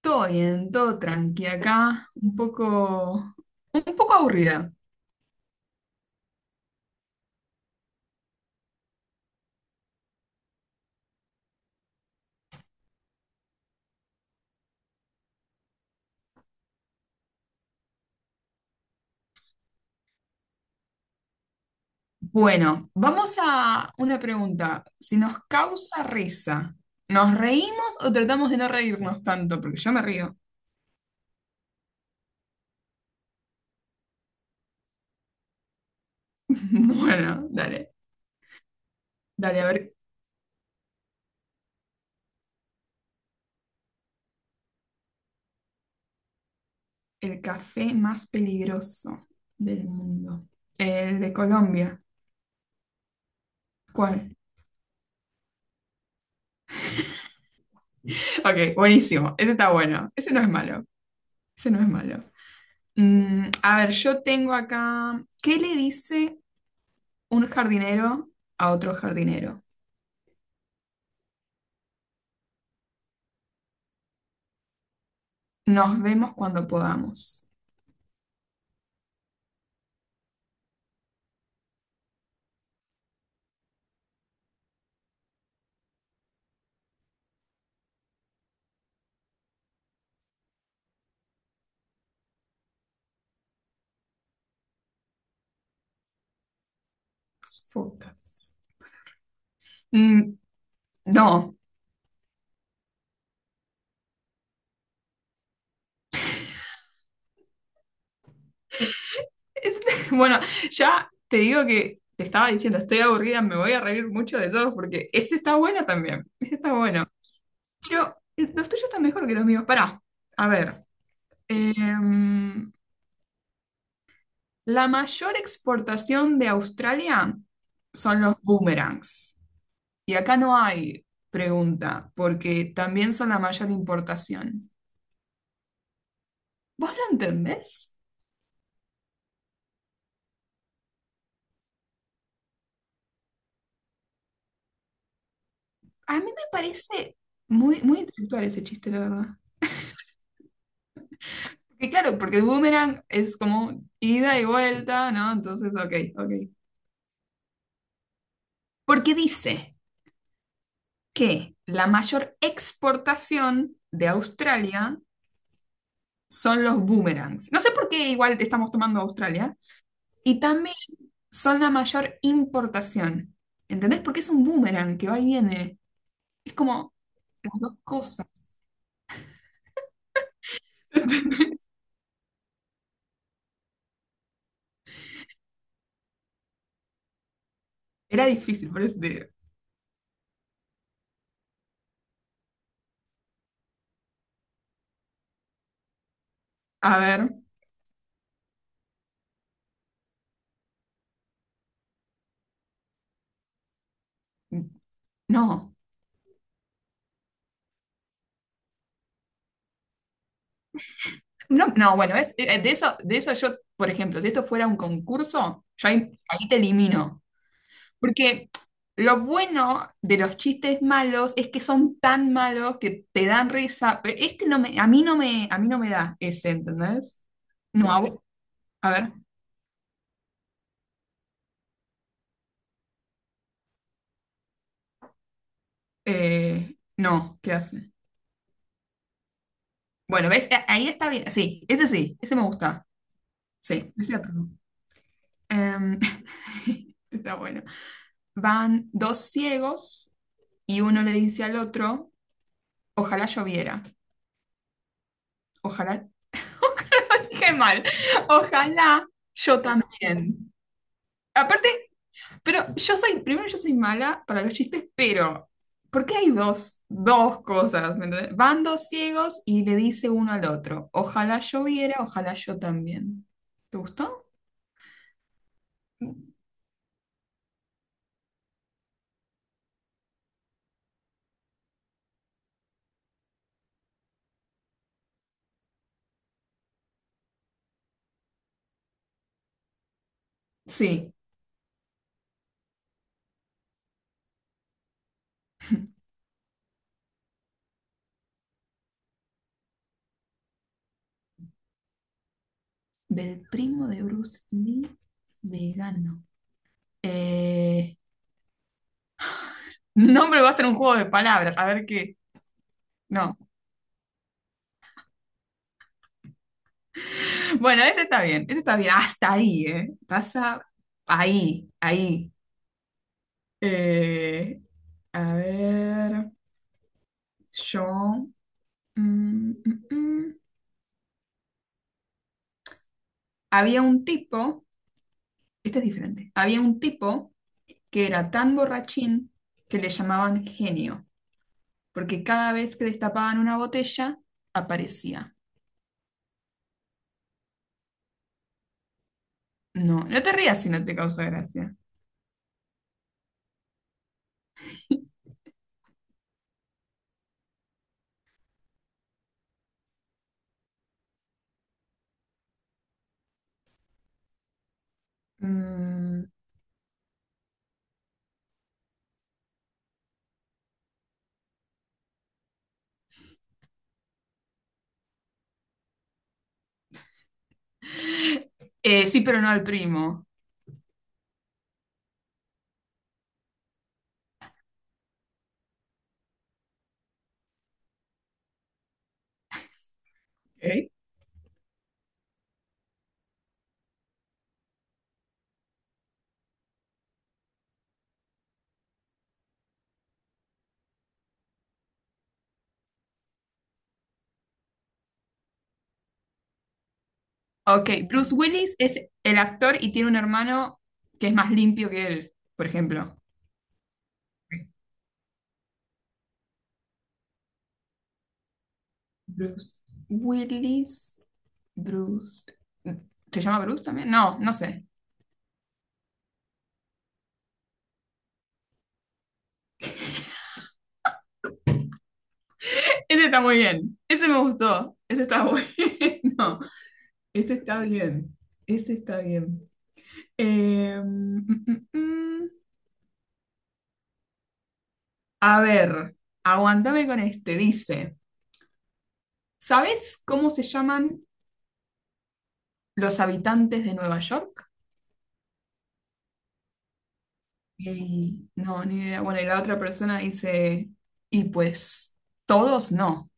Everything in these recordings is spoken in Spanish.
Todo bien, todo tranqui acá, un poco aburrida. Bueno, vamos a una pregunta. Si nos causa risa, ¿nos reímos o tratamos de no reírnos tanto? Porque yo me río. Bueno, dale, dale, a ver, el café más peligroso del mundo. El de Colombia. ¿Cuál? Ok, buenísimo. Ese está bueno. Ese no es malo. Ese no es malo. Mm, a ver, yo tengo acá, ¿qué le dice? Un jardinero a otro jardinero. Nos vemos cuando podamos. Focas. Mm, no. Es- bueno, ya te digo que te estaba diciendo, estoy aburrida, me voy a reír mucho de todos porque ese está bueno también. Ese está bueno. Pero los tuyos están mejor que los míos. Pará. A ver. em, la mayor exportación de Australia son los boomerangs. Y acá no hay pregunta, porque también son la mayor importación. ¿Vos lo entendés? A mí me parece muy, muy intelectual ese chiste, la verdad. Y claro, porque el boomerang es como ida y vuelta, ¿no? Entonces, ok, ok. Porque dice que la mayor exportación de Australia son los boomerangs. No sé por qué igual te estamos tomando Australia. Y también son la mayor importación. ¿Entendés? Porque es un boomerang que va y viene. Es como las dos cosas. Era difícil, por eso te digo. A ver, no. No, no, bueno, de eso yo, por ejemplo, si esto fuera un concurso, yo ahí, ahí te elimino. Porque lo bueno de los chistes malos es que son tan malos que te dan risa, pero a mí no me da ese, ¿entendés? No, a, vo- A ver, no, ¿qué hace? Bueno, ¿ves? A- ahí está bien, sí, ese me gusta, sí, ese apruebo. Em, está bueno. Van dos ciegos y uno le dice al otro, ojalá lloviera. Ojalá. Dije mal. Ojalá yo también. Aparte, pero yo soy, primero yo soy mala para los chistes, pero ¿por qué hay dos cosas? ¿Me entendés? Van dos ciegos y le dice uno al otro, ojalá lloviera, ojalá yo también. ¿Te gustó? Sí. Del primo de Bruce Lee, vegano. Eh, nombre va a ser un juego de palabras, a ver qué. No. Bueno, ese está bien, hasta ahí, ¿eh? Pasa ahí, ahí. Eh, a ver, yo... mm, mm, mm. Había un tipo, este es diferente, había un tipo que era tan borrachín que le llamaban genio, porque cada vez que destapaban una botella, aparecía. No, no te rías si no te causa gracia. Mm, sí, pero no al primo. Ok. Ok, Bruce Willis es el actor y tiene un hermano que es más limpio que él, por ejemplo. Bruce Willis, Bruce. ¿Se llama Bruce también? No, no sé. Ese está muy bien. Ese me gustó. Ese está bueno. Ese está bien. Ese está bien. Mm, mm, mm. A ver, aguantame con este. Dice, ¿sabes cómo se llaman los habitantes de Nueva York? Ey, no, ni idea. Bueno, y la otra persona dice, y pues todos no.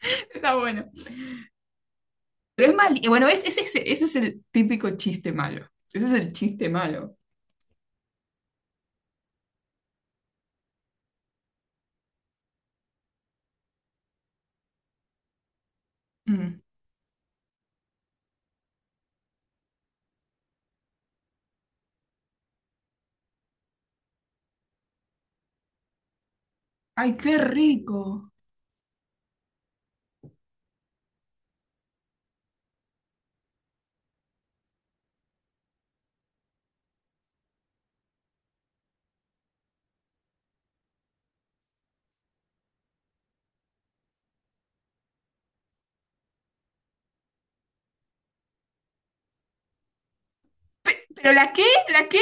Está bueno. Pero es mal, y bueno, es ese, ese es el típico chiste malo. Ese es el chiste malo. Mm. Ay, qué rico. ¿Pero la qué? ¿La qué?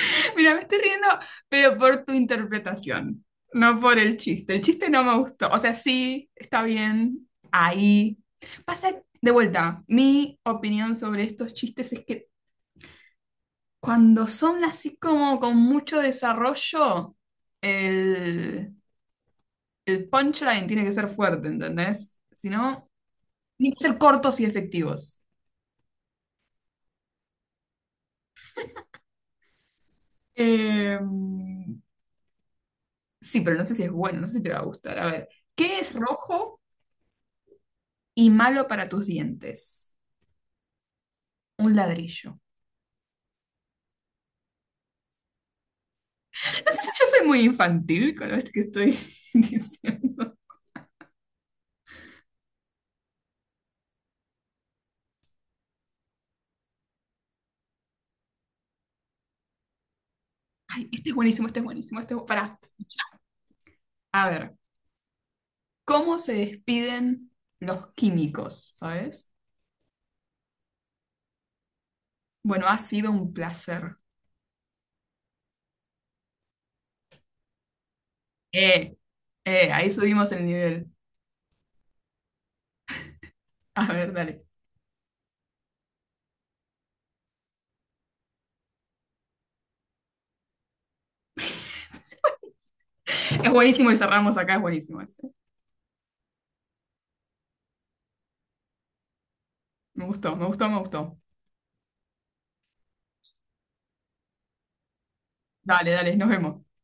Mira, me estoy riendo, pero por tu interpretación, no por el chiste. El chiste no me gustó. O sea, sí, está bien. Ahí. Pasa de vuelta. Mi opinión sobre estos chistes es que, cuando son así como con mucho desarrollo, el, el punchline tiene que ser fuerte, ¿entendés? Si no, tienen que ser cortos y efectivos. Eh, sí, pero no sé si es bueno, no sé si te va a gustar. A ver, ¿qué es rojo y malo para tus dientes? Un ladrillo. No sé si yo soy muy infantil con lo que estoy diciendo. Ay, este es buenísimo, este es buenísimo, este es... Pará. A ver, ¿cómo se despiden los químicos? ¿Sabes? Bueno, ha sido un placer. Eh, Ahí subimos el nivel. A ver, dale. Es buenísimo y cerramos acá, es buenísimo este. Me gustó, me gustó, me gustó. Dale, dale, nos vemos.